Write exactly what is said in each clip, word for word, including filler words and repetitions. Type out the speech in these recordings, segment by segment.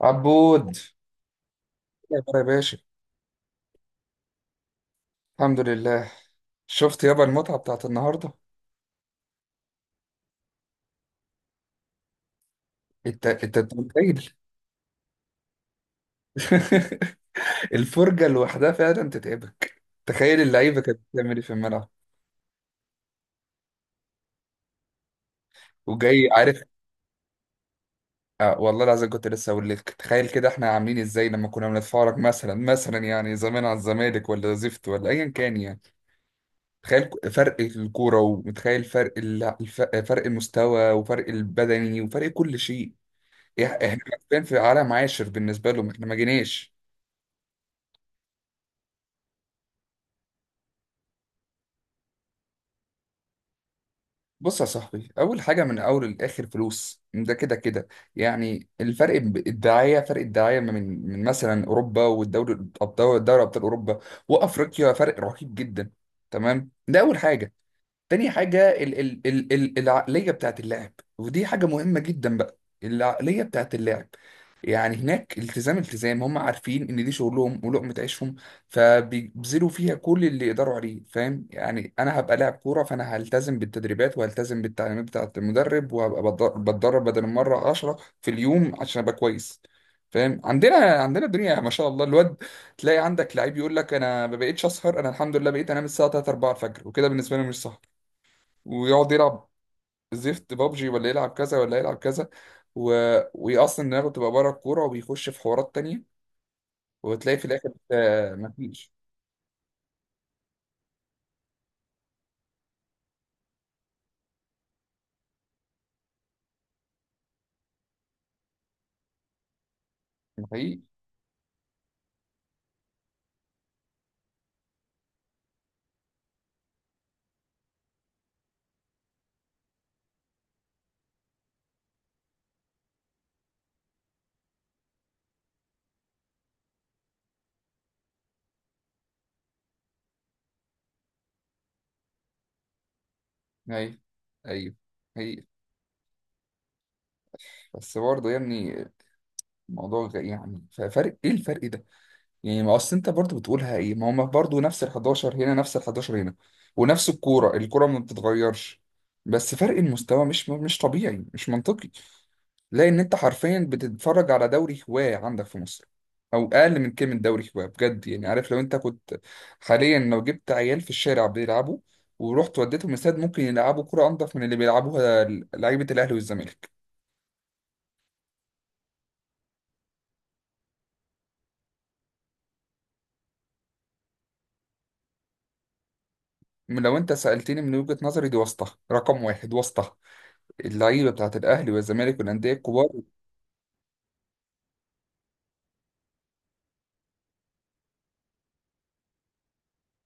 عبود، إيه يا ترى يا باشا؟ الحمد لله. شفت يابا المتعة بتاعت النهاردة؟ انت انت أنت متخيل؟ الفرجة لوحدها فعلا تتعبك، تخيل اللعيبة كانت بتعمل ايه في الملعب. وجاي عارف، آه والله العظيم كنت لسه اقول لك، تخيل كده احنا عاملين ازاي لما كنا بنتفرج مثلا مثلا يعني زمان على الزمالك ولا زفت ولا ايا كان، يعني تخيل ك- فرق الكورة، ومتخيل فرق الل- الف- فرق المستوى وفرق البدني وفرق كل شيء. إيه- احنا فين؟ في عالم عاشر بالنسبه لهم، احنا ما جيناش. بص يا صاحبي، اول حاجه من اول للاخر فلوس، ده كده كده، يعني الفرق ب- الدعايه، فرق الدعايه من من مثلا اوروبا والدوري الابطال، دوري ابطال اوروبا وافريقيا، فرق رهيب جدا. تمام، ده اول حاجه. تاني حاجة ال ال ال ال العقلية بتاعت اللاعب، ودي حاجة مهمة جدا بقى، العقلية بتاعت اللاعب. يعني هناك التزام، التزام، هم عارفين ان دي شغلهم ولقمة عيشهم، فبيبذلوا فيها كل اللي يقدروا عليه. فاهم يعني؟ انا هبقى لاعب كورة، فانا هلتزم بالتدريبات وهلتزم بالتعليمات بتاعة المدرب، وهبقى بتدر- بتدرب بدل المرة عشرة في اليوم عشان ابقى كويس. فاهم؟ عندنا عندنا الدنيا ما شاء الله، الواد تلاقي عندك لعيب يقول لك انا ما بقيتش اسهر، انا الحمد لله بقيت انام الساعه ثلاثة اربعة الفجر وكده. بالنسبه لي مش صح. ويقعد يلعب زفت بابجي، ولا يلعب كذا، ولا يلعب كذا، و... وهي اصلا دماغه بتبقى بره الكوره وبيخش في حوارات تانية. وبتلاقي في الاخر آه، مفيش. حقيقي. ايوه، ايوه، حقيقي. بس برضه يعني الموضوع غ- يعني ف- فرق ايه الفرق ده؟ يعني ما اصل انت برضه بتقولها ايه؟ ما هم برضه نفس ال احداشر هنا، نفس ال احداشر هنا، ونفس الكوره، الكوره ما بتتغيرش. بس فرق المستوى مش مش طبيعي، مش منطقي، لان انت حرفيا بتتفرج على دوري هواه عندك في مصر، او اقل من كلمه دوري هواه بجد. يعني عارف، لو انت كنت حاليا لو جبت عيال في الشارع بيلعبوا ورحت وديتهم استاد، ممكن يلعبوا كرة انضف من اللي بيلعبوها لعيبه الاهلي والزمالك. لو انت سالتني من وجهه نظري، دي واسطه، رقم واحد واسطه، اللعيبه بتاعت الاهلي والزمالك والانديه الكبار.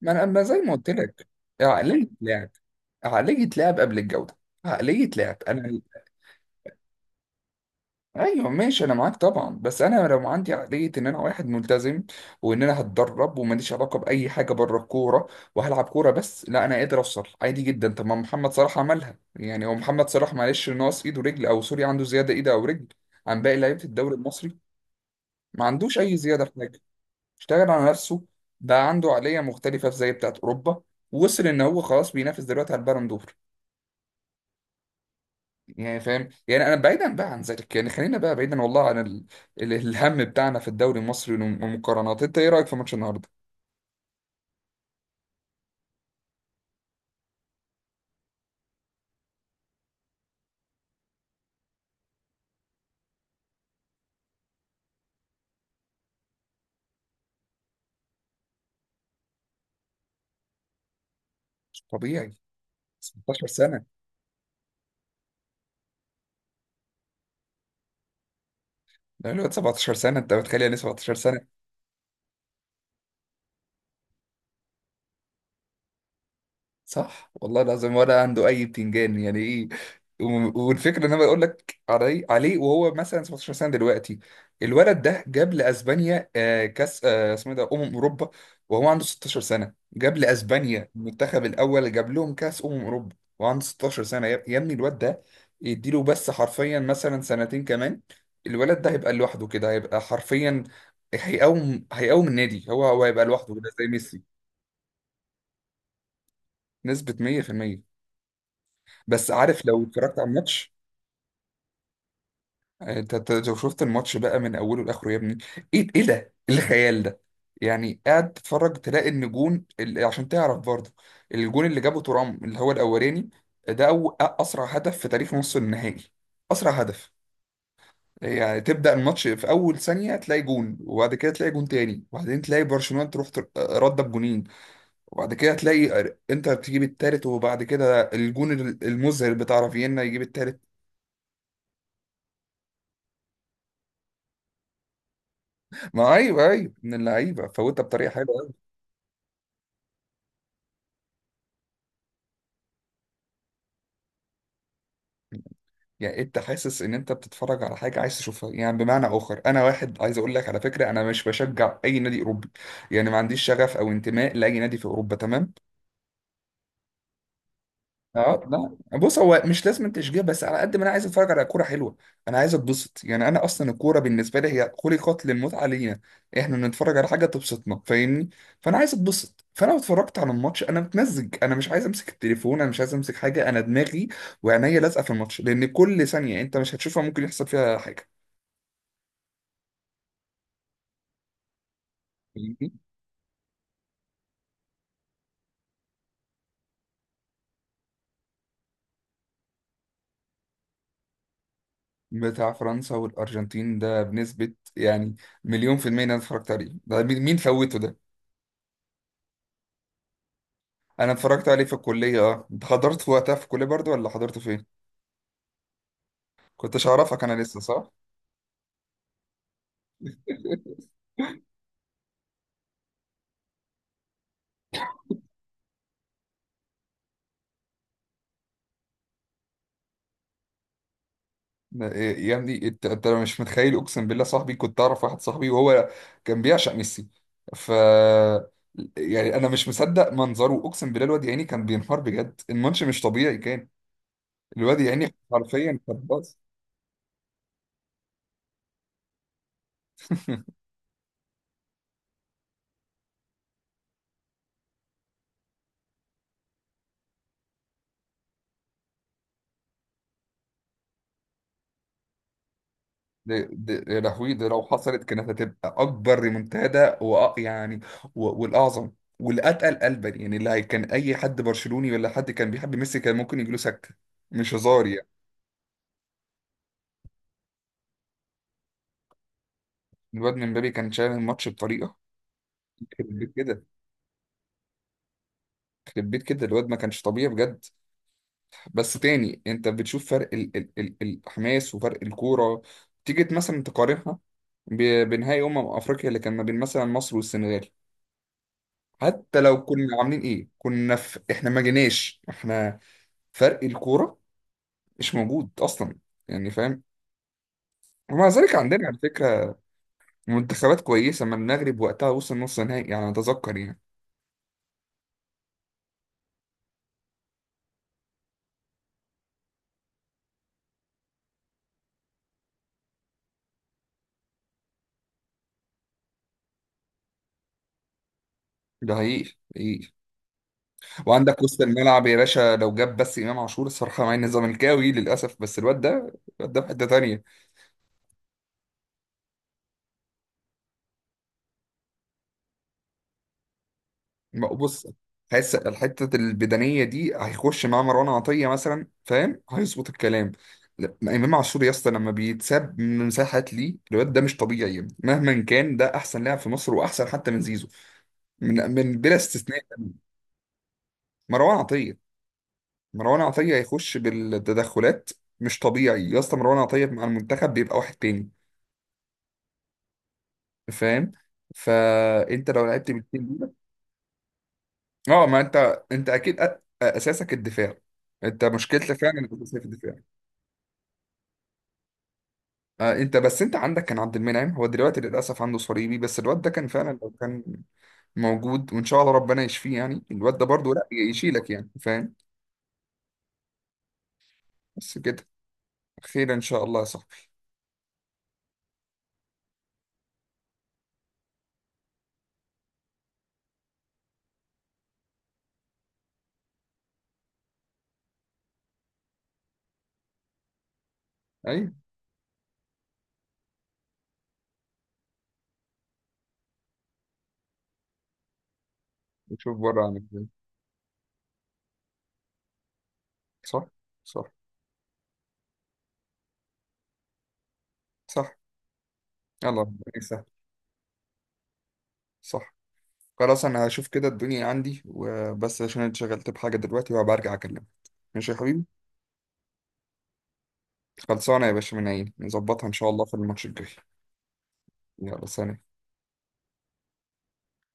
ما انا ما زي ما قلت لك، عقليه لعب، عقليه لعب قبل الجوده، عقليه لعب انا. ايوه ماشي، انا معاك طبعا، بس انا لو عندي عقليه ان انا واحد ملتزم، وان انا هتدرب وماليش علاقه باي حاجه بره الكوره، وهلعب كوره بس، لا انا قادر اوصل عادي جدا. طب ما محمد صلاح عملها. يعني هو محمد صلاح معلش ناقص ايد ورجل، او سوري، عنده زياده ايد او رجل عن باقي لعيبه الدوري المصري؟ ما عندوش اي زياده في حاجه. اشتغل على نفسه، بقى عنده عقليه مختلفه زي بتاعه اوروبا، وصل ان هو خلاص بينافس دلوقتي على البالون دور. يعني فاهم؟ يعني انا بعيدا بقى عن ذلك، يعني خلينا بقى بعيدا والله عن ال... ال... الهم بتاعنا في الدوري المصري والمقارنات. انت ايه رايك في ماتش النهارده؟ مش طبيعي. سبعتاشر سنة سنه، ده الواد سبعتاشر سنة سنه، انت متخيل؟ يعني سبعتاشر سنة سنه. صح والله العظيم، ولا عنده اي بتنجان، يعني ايه؟ و- والفكره ان انا بقول لك عليه عليه وهو مثلا سبعة عشر سنة سنه دلوقتي. الولد ده جاب لاسبانيا آه، كاس آه، اسمه إيه ده، امم اوروبا. وهو عنده ستة عشر سنة سنه جاب لاسبانيا المنتخب الاول، جاب لهم كاس امم اوروبا وهو عنده ستاشر سنة سنه. يا يا ابني الواد ده يديله بس حرفيا مثلا سنتين كمان، الولد ده هيبقى لوحده كده، هيبقى حرفيا، هيقوم هيقوم النادي، هو هو هيبقى لوحده كده زي ميسي. نسبة مية في المية. بس عارف، لو اتفرجت على الماتش، انت أنت لو شفت الماتش بقى من اوله لاخره يا ابني، ايه ايه ده، إيه الخيال ده! يعني قاعد تتفرج، تلاقي ان جون ال- عشان تعرف برضه، الجون اللي جابه ترام اللي هو الاولاني، ده أو أ- اسرع هدف في تاريخ نص النهائي، اسرع هدف. يعني تبدا الماتش في اول ثانيه تلاقي جون، وبعد كده تلاقي جون تاني، وبعدين تلاقي برشلونه تروح تر- رده بجونين، وبعد كده تلاقي انتر تجيب التالت، وبعد كده الجون ال- المذهل بتاع رافينا يجيب التالت. ما ايوه، ايوه، من اللعيبه فوتها بطريقه حلوه قوي. يعني إيه، انت حاسس ان انت بتتفرج على حاجه عايز تشوفها، يعني بمعنى اخر انا واحد عايز اقول لك على فكره، انا مش بشجع اي نادي اوروبي، يعني ما عنديش شغف او انتماء لاي نادي في اوروبا، تمام؟ اه. لا بص، هو مش لازم تشجيع، بس على قد ما انا عايز اتفرج على كوره حلوه، انا عايز اتبسط. يعني انا اصلا الكوره بالنسبه لي هي خلقت للمتعه، لينا احنا بنتفرج على حاجه تبسطنا، فاهمني؟ فانا عايز اتبسط. فانا لو اتفرجت على الماتش، انا متمزج، انا مش عايز امسك التليفون، انا مش عايز امسك حاجه، انا دماغي وعينيا لازقه في الماتش، لان كل ثانيه انت مش هتشوفها ممكن يحصل فيها حاجه. فاهمني؟ بتاع فرنسا والارجنتين ده بنسبه يعني مليون في المية إن انا اتفرجت عليه، ده مين مين فوته ده. انا اتفرجت عليه في الكليه، اه. انت حضرت في وقتها في الكليه برضو، ولا حضرته فين؟ كنتش اعرفك انا لسه، صح؟ ده- إيه يا ابني، انت انت مش متخيل، اقسم بالله صاحبي كنت اعرف واحد صاحبي وهو كان بيعشق ميسي، ف يعني انا مش مصدق منظره، اقسم بالله الواد يا عيني كان بينهار بجد، الماتش مش طبيعي، كان الواد يا عيني حرفيا كان باظ. دي دي يا لهوي، ده لو حصلت كانت هتبقى اكبر ريمونتادا، وأ- يعني، و- والاعظم والاتقل قلبا، يعني اللي هي، كان اي حد برشلوني ولا حد كان بيحب ميسي كان ممكن يجيله سكته، مش هزار يعني. الواد من مبابي كان شايل الماتش بطريقه يخرب بيت كده، يخرب بيت كده الواد ما كانش طبيعي بجد. بس تاني انت بتشوف فرق ال ال ال الحماس وفرق الكوره، تيجي مثلا تقارنها ب- بنهائي امم افريقيا اللي كان ما بين مثلا مصر والسنغال. حتى لو كنا عاملين ايه، كنا في احنا ما جيناش، احنا فرق الكوره مش موجود اصلا، يعني فاهم. ومع ذلك عندنا على فكره منتخبات كويسه، ما المغرب وقتها وصل نص نهائي يعني، اتذكر يعني. ده حقيقي، حقيقي. وعندك وسط الملعب يا باشا، لو جاب بس امام عاشور، الصراحه مع اني زملكاوي للاسف، بس الواد ده، الواد ده في حته تانيه. بص، حاسس الحتة البدنية دي هيخش مع مروان عطية مثلا، فاهم؟ هيظبط الكلام. لا، إمام عاشور يا اسطى لما بيتساب من مساحات ليه، الواد ده مش طبيعي، مهما كان ده أحسن لاعب في مصر، وأحسن حتى من زيزو، من من بلا استثناء. مروان عطية، مروان عطية هيخش بالتدخلات. مش طبيعي يا اسطى، مروان عطية مع المنتخب بيبقى واحد تاني. فاهم؟ فأنت لو لعبت بالتيم، اه ما انت، انت اكيد أ- اساسك الدفاع، انت مشكلتك فعلا الاساسيه في الدفاع. آه، انت بس انت عندك كان عبد المنعم، هو دلوقتي للاسف عنده صليبي، بس الواد ده كان فعلا لو كان موجود وان شاء الله ربنا يشفيه، يعني الواد ده برضه لا يشيلك يعني، فاهم؟ بس كده. خير ان شاء الله يا صاحبي. ايوه، نشوف بره عن الدنيا. صح، صح، صح. يلا ربنا يسهل. صح. خلاص انا هشوف كده الدنيا عندي وبس، عشان أنا اتشغلت بحاجه دلوقتي، وهبقى ارجع اكلمك. ماشي يا حبيبي. خلصانه يا باشا، من عيني، نظبطها ان شاء الله في الماتش الجاي. يلا سلام.